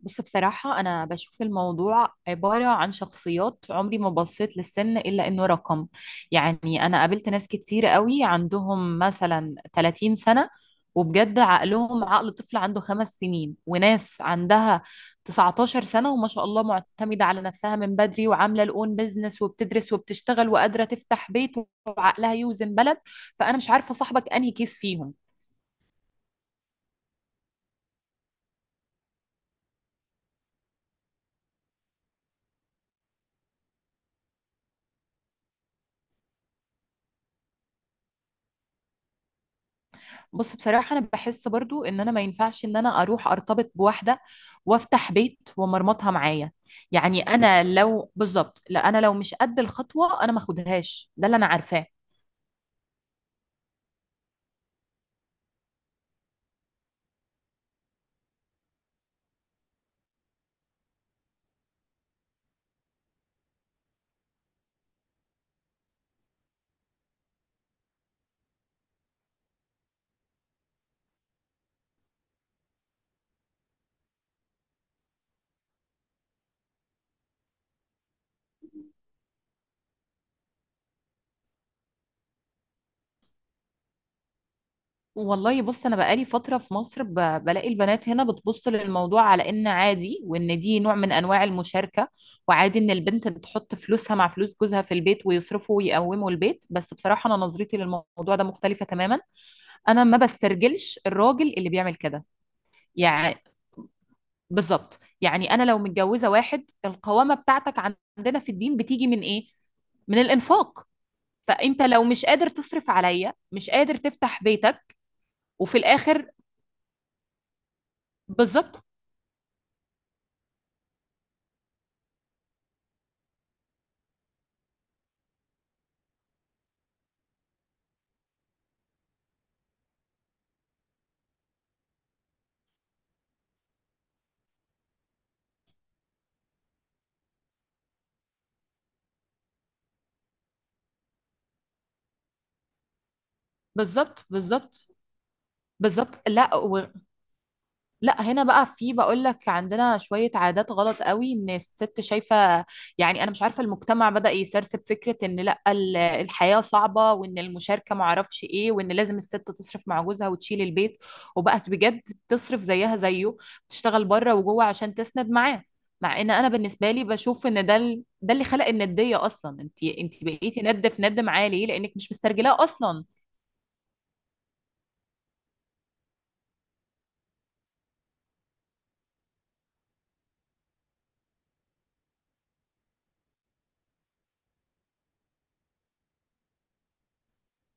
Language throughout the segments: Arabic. بص، بصراحة أنا بشوف الموضوع عبارة عن شخصيات. عمري ما بصيت للسن إلا إنه رقم. يعني أنا قابلت ناس كتير قوي عندهم مثلا 30 سنة، وبجد عقلهم عقل طفل عنده 5 سنين. وناس عندها 19 سنة وما شاء الله معتمدة على نفسها من بدري، وعاملة الأون بيزنس وبتدرس وبتشتغل وقادرة تفتح بيت، وعقلها يوزن بلد. فأنا مش عارفة صاحبك أنهي كيس فيهم. بص، بصراحة أنا بحس برضو إن أنا ما ينفعش إن أنا أروح أرتبط بواحدة وأفتح بيت ومرمطها معايا. يعني أنا لو بالظبط، لا، أنا لو مش قد الخطوة أنا ما أخدهاش، ده اللي أنا عارفاه. والله بص، أنا بقالي فترة في مصر بلاقي البنات هنا بتبص للموضوع على إن عادي وإن دي نوع من أنواع المشاركة، وعادي إن البنت بتحط فلوسها مع فلوس جوزها في البيت ويصرفوا ويقوموا البيت. بس بصراحة أنا نظرتي للموضوع ده مختلفة تماما. أنا ما بسترجلش الراجل اللي بيعمل كده. يعني بالظبط. يعني انا لو متجوزه واحد، القوامه بتاعتك عندنا في الدين بتيجي من ايه؟ من الانفاق. فانت لو مش قادر تصرف عليا، مش قادر تفتح بيتك. وفي الاخر. بالظبط. بالظبط. بالظبط. بالظبط. لا، لا، هنا بقى في بقول لك عندنا شوية عادات غلط قوي، ان الست شايفة. يعني انا مش عارفة، المجتمع بدأ يسرسب فكرة ان لا، الحياة صعبة وان المشاركة معرفش ايه وان لازم الست تصرف مع جوزها وتشيل البيت، وبقت بجد بتصرف زيها زيه، بتشتغل بره وجوه عشان تسند معاه. مع ان انا بالنسبة لي بشوف ان ده ده اللي خلق الندية اصلا، انت بقيتي ند في ند معاه ليه؟ لانك مش مسترجلاه اصلا.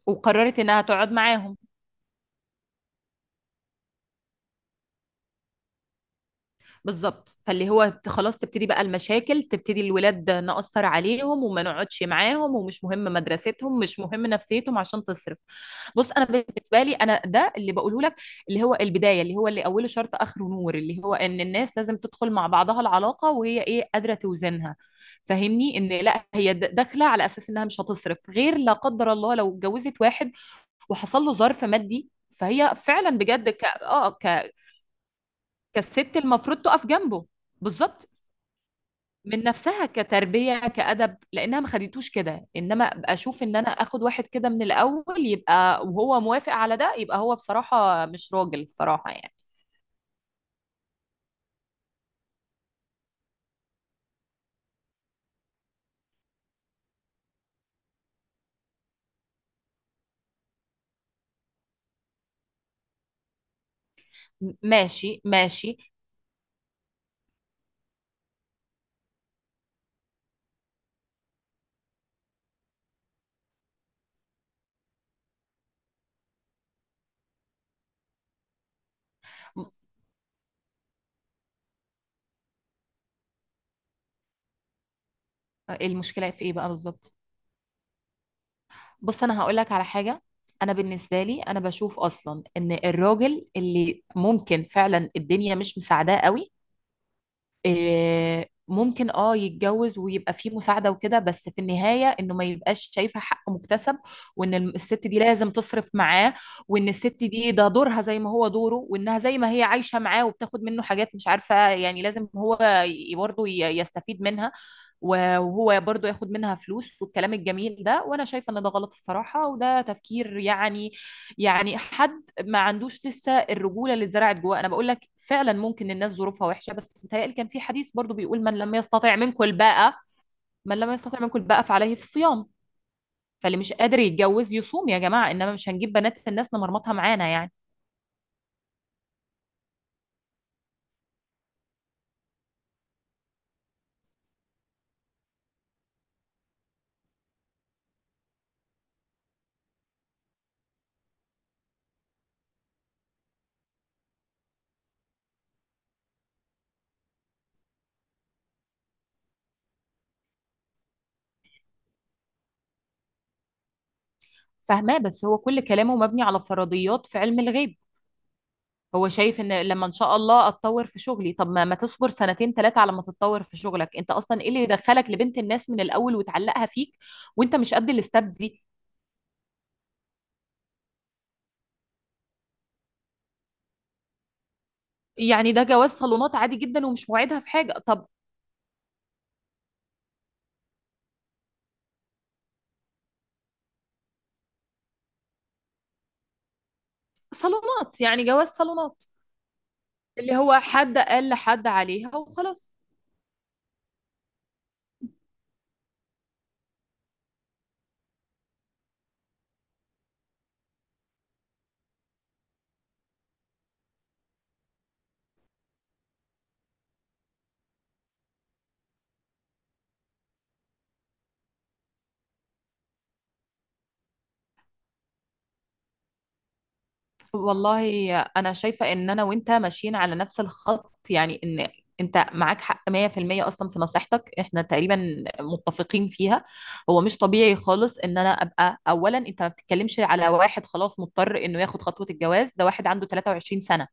وقررت انها تقعد معاهم. بالظبط، خلاص تبتدي بقى المشاكل، تبتدي الولاد نأثر عليهم وما نقعدش معاهم، ومش مهم مدرستهم مش مهم نفسيتهم عشان تصرف. بص انا بالنسبه لي، انا ده اللي بقوله لك، اللي هو البدايه، اللي هو اللي اوله شرط اخره نور. اللي هو ان الناس لازم تدخل مع بعضها العلاقه وهي ايه؟ قادره توزنها. فاهمني؟ ان لا، هي داخله على اساس انها مش هتصرف غير لا قدر الله لو اتجوزت واحد وحصل له ظرف مادي، فهي فعلا بجد كالست المفروض تقف جنبه. بالظبط. من نفسها كتربية كأدب، لأنها ما خدتوش كده. إنما أبقى أشوف إن أنا آخد واحد كده من الأول، يبقى وهو موافق على ده، يبقى هو بصراحة مش راجل الصراحة يعني. ماشي ماشي. م- المشكلة في إيه بقى بالظبط؟ بص أنا هقول لك على حاجة. أنا بالنسبة لي أنا بشوف أصلا إن الراجل اللي ممكن فعلا الدنيا مش مساعداه قوي، إيه، ممكن اه يتجوز ويبقى فيه مساعدة وكده، بس في النهاية انه ما يبقاش شايفة حق مكتسب، وان الست دي لازم تصرف معاه، وان الست دي ده دورها زي ما هو دوره، وانها زي ما هي عايشة معاه وبتاخد منه حاجات مش عارفة، يعني لازم هو يستفيد منها، وهو برضه ياخد منها فلوس والكلام الجميل ده. وانا شايفة ان ده غلط الصراحة، وده تفكير يعني. يعني حد ما عندوش لسه الرجوله اللي اتزرعت جواه. انا بقول لك فعلا ممكن الناس ظروفها وحشه، بس متهيألي كان في حديث برضو بيقول من لم يستطع منكم الباءة فعليه في الصيام. فاللي مش قادر يتجوز يصوم يا جماعه، انما مش هنجيب بنات الناس نمرمطها معانا يعني. فاهماه. بس هو كل كلامه مبني على فرضيات في علم الغيب. هو شايف ان لما ان شاء الله اتطور في شغلي، طب ما تصبر سنتين ثلاثه على ما تتطور في شغلك؟ انت اصلا ايه اللي يدخلك لبنت الناس من الاول وتعلقها فيك وانت مش قد الاستاب دي؟ يعني ده جواز صالونات عادي جدا ومش موعدها في حاجة. طب صالونات يعني جواز صالونات، اللي هو حد قال لحد عليها وخلاص. والله انا شايفه ان انا وانت ماشيين على نفس الخط. يعني ان انت معاك حق 100%. اصلا في نصيحتك احنا تقريبا متفقين فيها. هو مش طبيعي خالص ان انا ابقى اولا. انت ما بتتكلمش على واحد خلاص مضطر انه ياخد خطوه الجواز، ده واحد عنده 23 سنه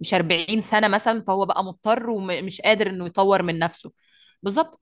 مش 40 سنه مثلا. فهو بقى مضطر ومش قادر انه يطور من نفسه. بالظبط،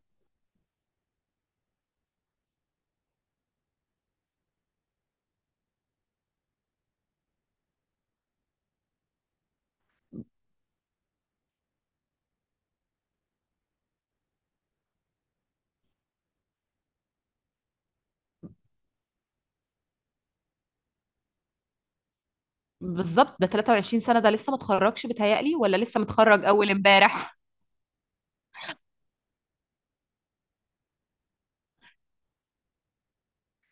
بالظبط. ده 23 سنه، ده لسه متخرجش بتهيألي ولا لسه متخرج اول امبارح؟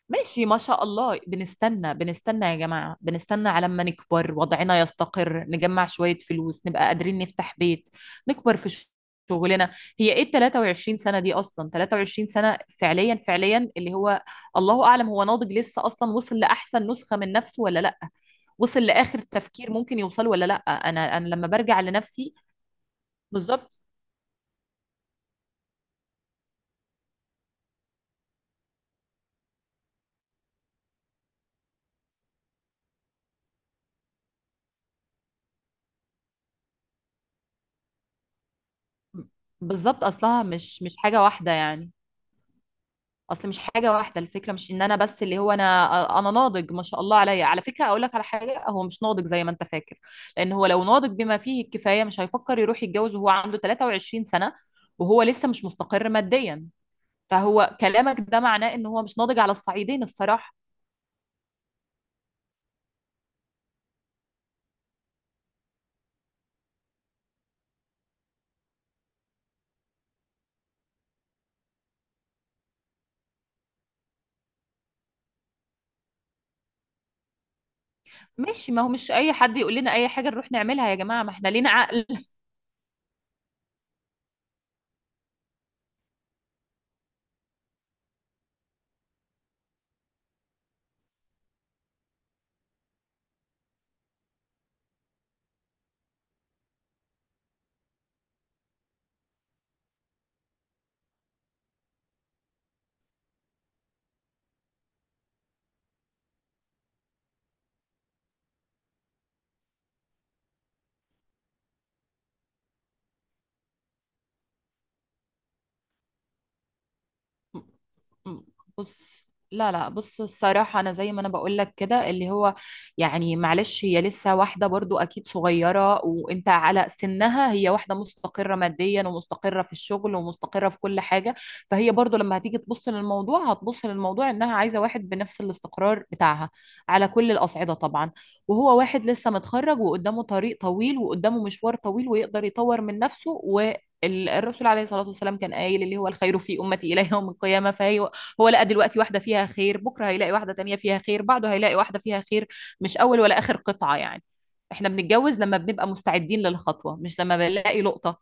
ماشي ما شاء الله، بنستنى بنستنى يا جماعة، بنستنى على ما نكبر وضعنا يستقر نجمع شوية فلوس نبقى قادرين نفتح بيت، نكبر في شغلنا. هي ايه ال 23 سنة دي اصلا؟ 23 سنة فعليا فعليا، اللي هو الله اعلم هو ناضج لسه اصلا؟ وصل لاحسن نسخة من نفسه ولا لا؟ وصل لاخر تفكير ممكن يوصل ولا لا؟ انا لما برجع لنفسي. بالظبط، بالظبط. اصلها مش حاجة واحدة يعني. اصل مش حاجه واحده، الفكره مش ان انا بس اللي هو انا ناضج ما شاء الله عليا. على فكره اقول لك على حاجه، هو مش ناضج زي ما انت فاكر، لان هو لو ناضج بما فيه الكفايه مش هيفكر يروح يتجوز وهو عنده 23 سنه وهو لسه مش مستقر ماديا. فهو كلامك ده معناه ان هو مش ناضج على الصعيدين الصراحه. ماشي، ما هو مش اي حد يقول لنا اي حاجه نروح نعملها يا جماعه، ما احنا لينا عقل. م- بص، لا لا بص، الصراحة أنا زي ما أنا بقول لك كده، اللي هو يعني معلش، هي لسه واحدة برضو أكيد صغيرة وأنت على سنها، هي واحدة مستقرة ماديا ومستقرة في الشغل ومستقرة في كل حاجة. فهي برضو لما هتيجي تبص للموضوع هتبص للموضوع إنها عايزة واحد بنفس الاستقرار بتاعها، على كل الأصعدة طبعا. وهو واحد لسه متخرج وقدامه طريق طويل وقدامه مشوار طويل ويقدر يطور من نفسه. و الرسول عليه الصلاة والسلام كان قايل اللي هو الخير في أمتي إلى يوم القيامة، فهي هو لقى دلوقتي واحدة فيها خير، بكرة هيلاقي واحدة تانية فيها خير، بعده هيلاقي واحدة فيها خير. مش أول ولا آخر قطعة يعني. احنا بنتجوز لما بنبقى مستعدين للخطوة مش لما بنلاقي لقطة.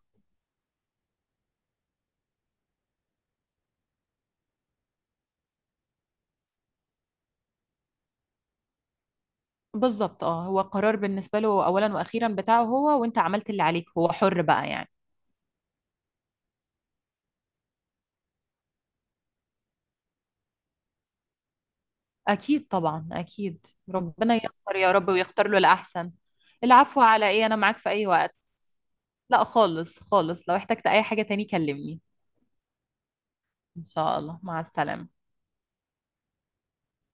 بالظبط. اه هو قرار بالنسبة له أولا وأخيرا بتاعه هو، وانت عملت اللي عليك، هو حر بقى يعني. أكيد طبعا أكيد، ربنا ييسر يا رب ويختار له الأحسن. العفو، على إيه، أنا معاك في أي وقت. لا خالص خالص، لو احتجت أي حاجة تاني كلمني. إن شاء الله مع السلامة.